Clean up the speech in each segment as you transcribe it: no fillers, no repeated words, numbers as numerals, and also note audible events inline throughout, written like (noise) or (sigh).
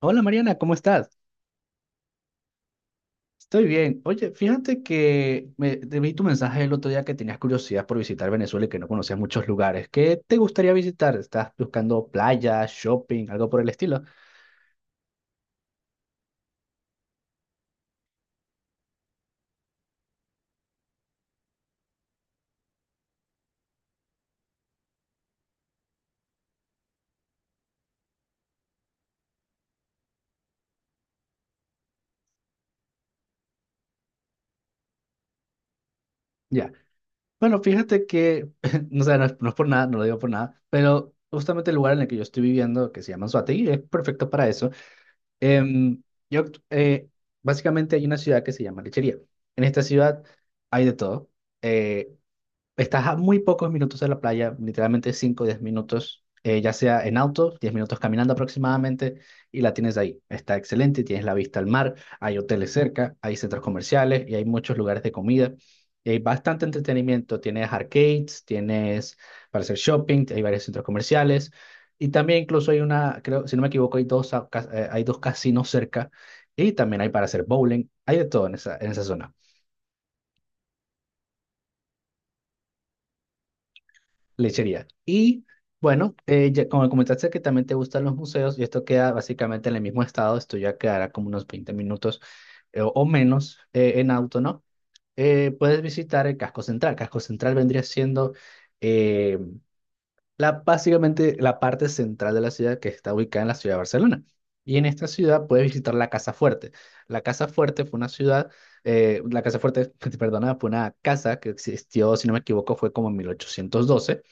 Hola Mariana, ¿cómo estás? Estoy bien. Oye, fíjate que te vi tu mensaje el otro día que tenías curiosidad por visitar Venezuela y que no conocías muchos lugares. ¿Qué te gustaría visitar? ¿Estás buscando playas, shopping, algo por el estilo? Ya. Bueno, fíjate que, (laughs) no sé, no es por nada, no lo digo por nada, pero justamente el lugar en el que yo estoy viviendo, que se llama Anzoátegui, es perfecto para eso. Em, yo, eh, básicamente hay una ciudad que se llama Lechería. En esta ciudad hay de todo. Eh, Estás a muy pocos minutos de la playa, literalmente 5, o 10 minutos, ya sea en auto, 10 minutos caminando aproximadamente, y la tienes ahí. Está excelente, tienes la vista al mar, hay hoteles cerca, hay centros comerciales y hay muchos lugares de comida. Y hay bastante entretenimiento, tienes arcades, tienes para hacer shopping, hay varios centros comerciales, y también incluso hay una, creo, si no me equivoco, hay dos, hay dos casinos cerca, y también hay para hacer bowling, hay de todo en esa zona. Lechería. Y bueno, como comentaste que también te gustan los museos, y esto queda básicamente en el mismo estado, esto ya quedará como unos 20 minutos o menos en auto, ¿no? Puedes visitar el casco central. Casco central vendría siendo eh, básicamente la parte central de la ciudad que está ubicada en la ciudad de Barcelona. Y en esta ciudad puedes visitar la Casa Fuerte. La Casa Fuerte fue una ciudad, la Casa Fuerte, (laughs) perdona, fue una casa que existió, si no me equivoco, fue como en 1812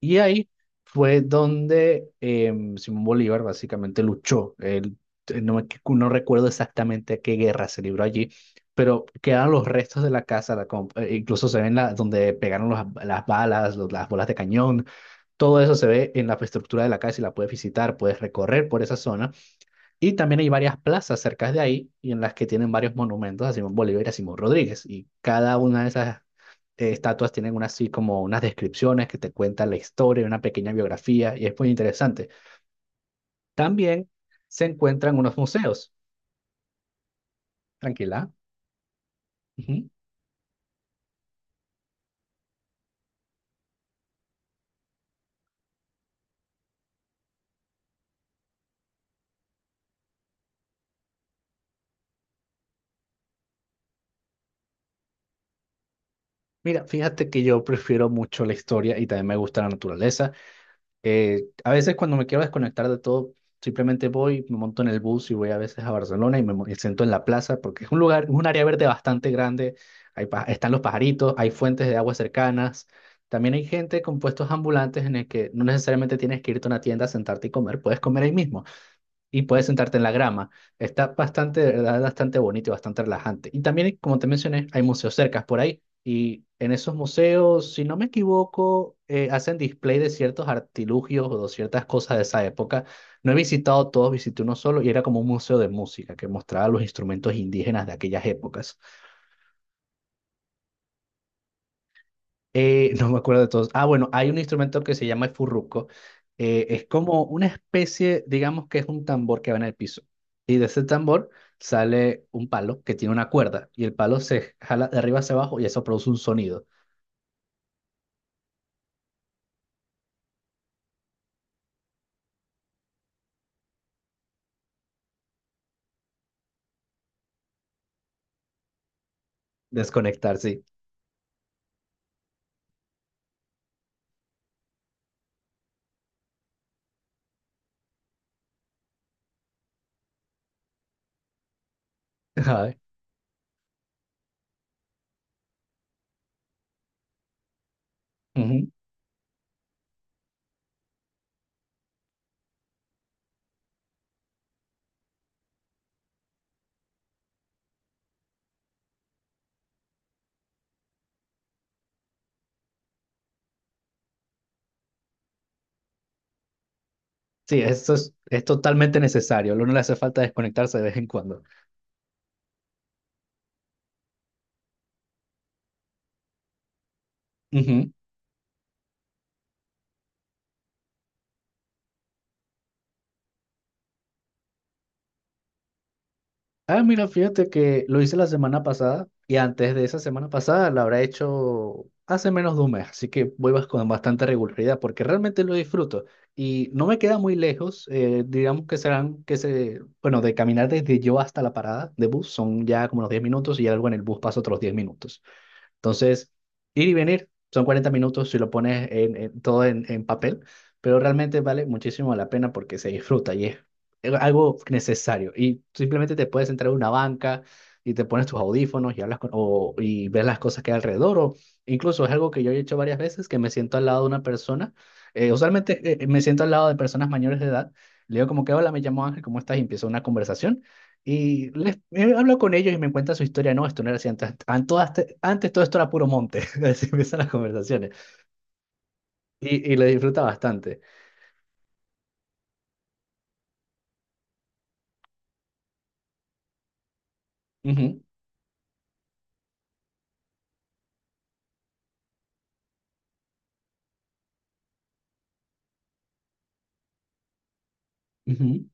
y ahí fue donde Simón Bolívar básicamente luchó. Él, no, me no recuerdo exactamente a qué guerra se libró allí, pero quedaron los restos de la casa, incluso se ven la, donde pegaron las balas, las bolas de cañón, todo eso se ve en la estructura de la casa y la puedes visitar, puedes recorrer por esa zona. Y también hay varias plazas cerca de ahí y en las que tienen varios monumentos a Simón Bolívar y a Simón Rodríguez. Y cada una de esas estatuas tienen una, así como unas descripciones que te cuentan la historia, una pequeña biografía y es muy interesante. También se encuentran unos museos. Tranquila. Ujú. Mira, fíjate que yo prefiero mucho la historia y también me gusta la naturaleza. A veces cuando me quiero desconectar de todo, simplemente voy, me monto en el bus y voy a veces a Barcelona y siento en la plaza porque es un lugar, es un área verde bastante grande. Están los pajaritos, hay fuentes de agua cercanas. También hay gente con puestos ambulantes en el que no necesariamente tienes que irte a una tienda, a sentarte y comer, puedes comer ahí mismo y puedes sentarte en la grama. Está bastante, de verdad, bastante bonito y bastante relajante. Y también, como te mencioné, hay museos cercas por ahí. Y en esos museos, si no me equivoco, hacen display de ciertos artilugios o de ciertas cosas de esa época. No he visitado todos, visité uno solo y era como un museo de música que mostraba los instrumentos indígenas de aquellas épocas. (laughs) No me acuerdo de todos. Ah, bueno, hay un instrumento que se llama el furruco. Es como una especie, digamos que es un tambor que va en el piso. Y de ese tambor sale un palo que tiene una cuerda y el palo se jala de arriba hacia abajo y eso produce un sonido. Desconectar, sí. (laughs) Ay, ujú. Sí, eso es totalmente necesario. A uno le hace falta desconectarse de vez en cuando. Ujú. Ah, mira, fíjate que lo hice la semana pasada y antes de esa semana pasada la habrá hecho hace menos de un mes, así que voy con bastante regularidad porque realmente lo disfruto y no me queda muy lejos, digamos que serán, que se, bueno, de caminar desde yo hasta la parada de bus son ya como los 10 minutos y algo en el bus pasa otros 10 minutos. Entonces, ir y venir son 40 minutos si lo pones en, todo en, papel, pero realmente vale muchísimo la pena porque se disfruta y es algo necesario. Y simplemente te puedes entrar a una banca y te pones tus audífonos y hablas con, o, y ves las cosas que hay alrededor. O incluso es algo que yo he hecho varias veces, que me siento al lado de una persona. Usualmente me siento al lado de personas mayores de edad. Le digo como que, hola, me llamo Ángel, ¿cómo estás? Y empiezo una conversación. He hablado con ellos y me cuentan su historia. No, esto no era así antes. Antes todo esto era puro monte. (laughs) Así empiezan las conversaciones. Y lo disfruta bastante. Ujú, ujú.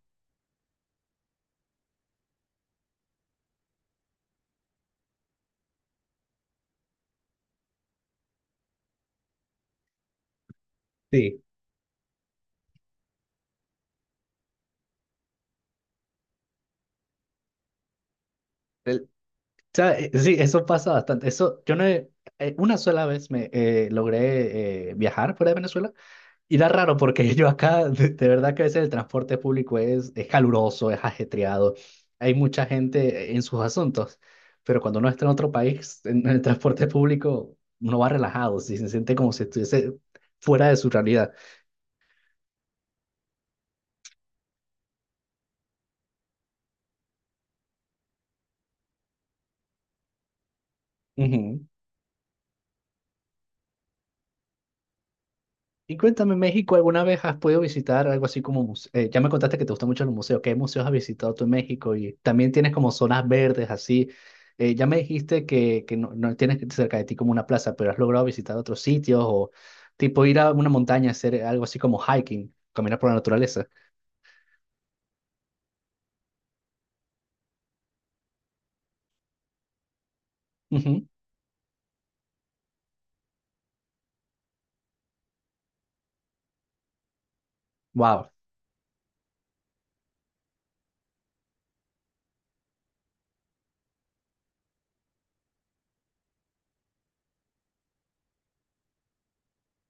Sí. El- o sea, sí, eso pasa bastante. Eso, yo no una sola vez me logré viajar fuera de Venezuela. Y da raro porque yo acá, de verdad que a veces el transporte público es caluroso, es ajetreado, hay mucha gente en sus asuntos, pero cuando uno está en otro país, en el transporte público, uno va relajado, sí, se siente como si estuviese fuera de su realidad. Ujú. Y cuéntame, México, ¿alguna vez has podido visitar algo así como ya me contaste que te gustan mucho los museos. ¿Qué museos has visitado tú en México? Y también tienes como zonas verdes así. Ya me dijiste que no, no tienes cerca de ti como una plaza, pero has logrado visitar otros sitios o tipo ir a una montaña, hacer algo así como hiking, caminar por la naturaleza. Ujú. Wow,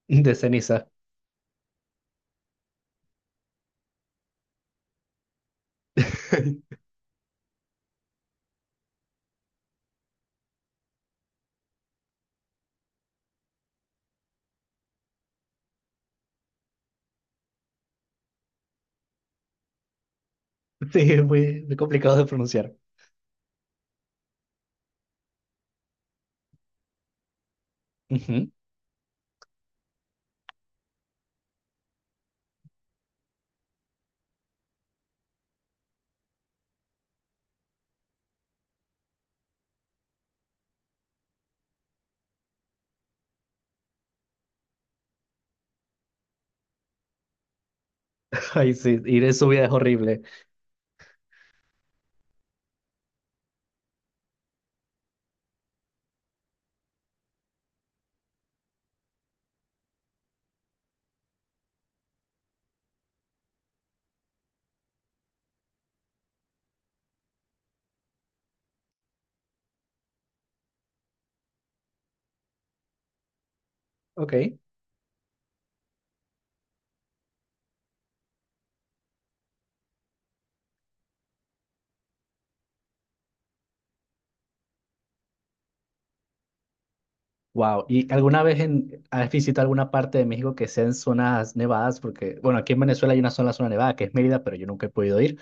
de ceniza. (laughs) Sí, es muy, muy complicado de pronunciar. Ujú. Ay, sí, ir en subida es horrible. Ok. Wow, ¿y alguna vez has visitado alguna parte de México que sea en zonas nevadas? Porque, bueno, aquí en Venezuela hay una zona, zona nevada que es Mérida, pero yo nunca he podido ir.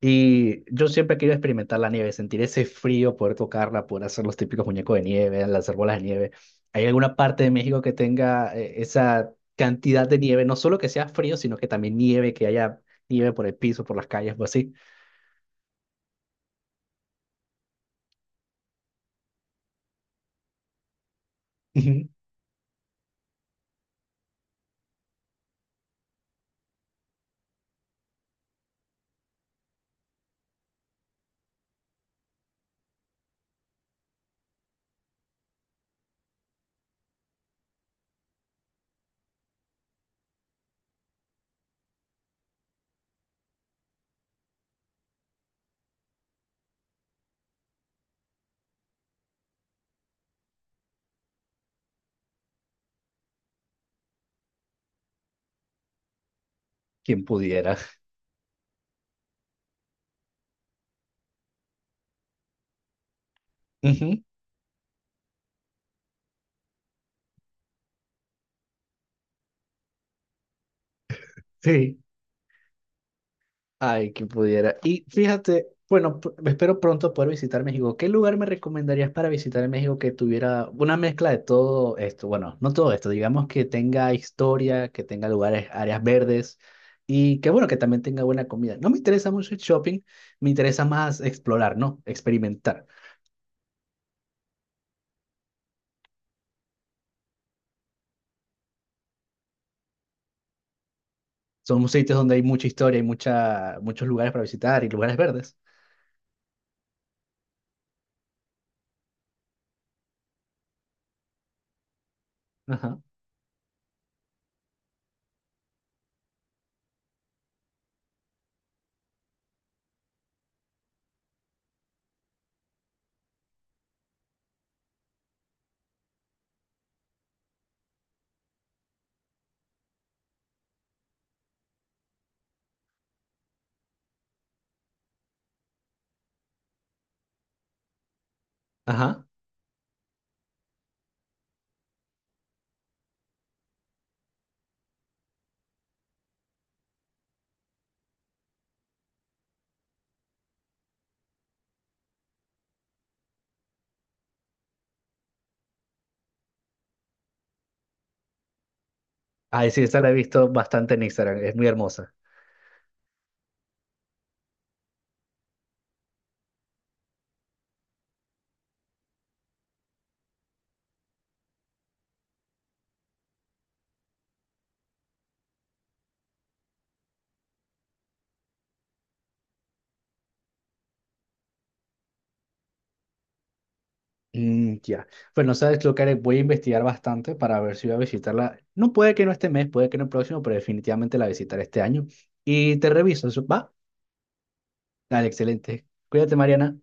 Y yo siempre quiero experimentar la nieve, sentir ese frío, poder tocarla, poder hacer los típicos muñecos de nieve, lanzar bolas de nieve. ¿Hay alguna parte de México que tenga esa cantidad de nieve? No solo que sea frío, sino que también nieve, que haya nieve por el piso, por las calles o así. (laughs) Ujú. Quien pudiera. (laughs) Ujú. Sí. Ay, que pudiera. Y fíjate, bueno, espero pronto poder visitar México. ¿Qué lugar me recomendarías para visitar en México que tuviera una mezcla de todo esto? Bueno, no todo esto, digamos que tenga historia, que tenga lugares, áreas verdes y que bueno, que también tenga buena comida. No me interesa mucho el shopping, me interesa más explorar, ¿no? Experimentar. Son sitios donde hay mucha historia, hay mucha, muchos lugares para visitar y lugares verdes. Ajá, ajá. Ay, sí, esa la he visto bastante en Instagram, es muy hermosa. Mm, ya. Bueno, sabes lo que haré, voy a investigar bastante para ver si voy a visitarla. No puede que no este mes, puede que no el próximo, pero definitivamente la visitaré este año. Y te reviso, ¿va? Dale, excelente. Cuídate, Mariana.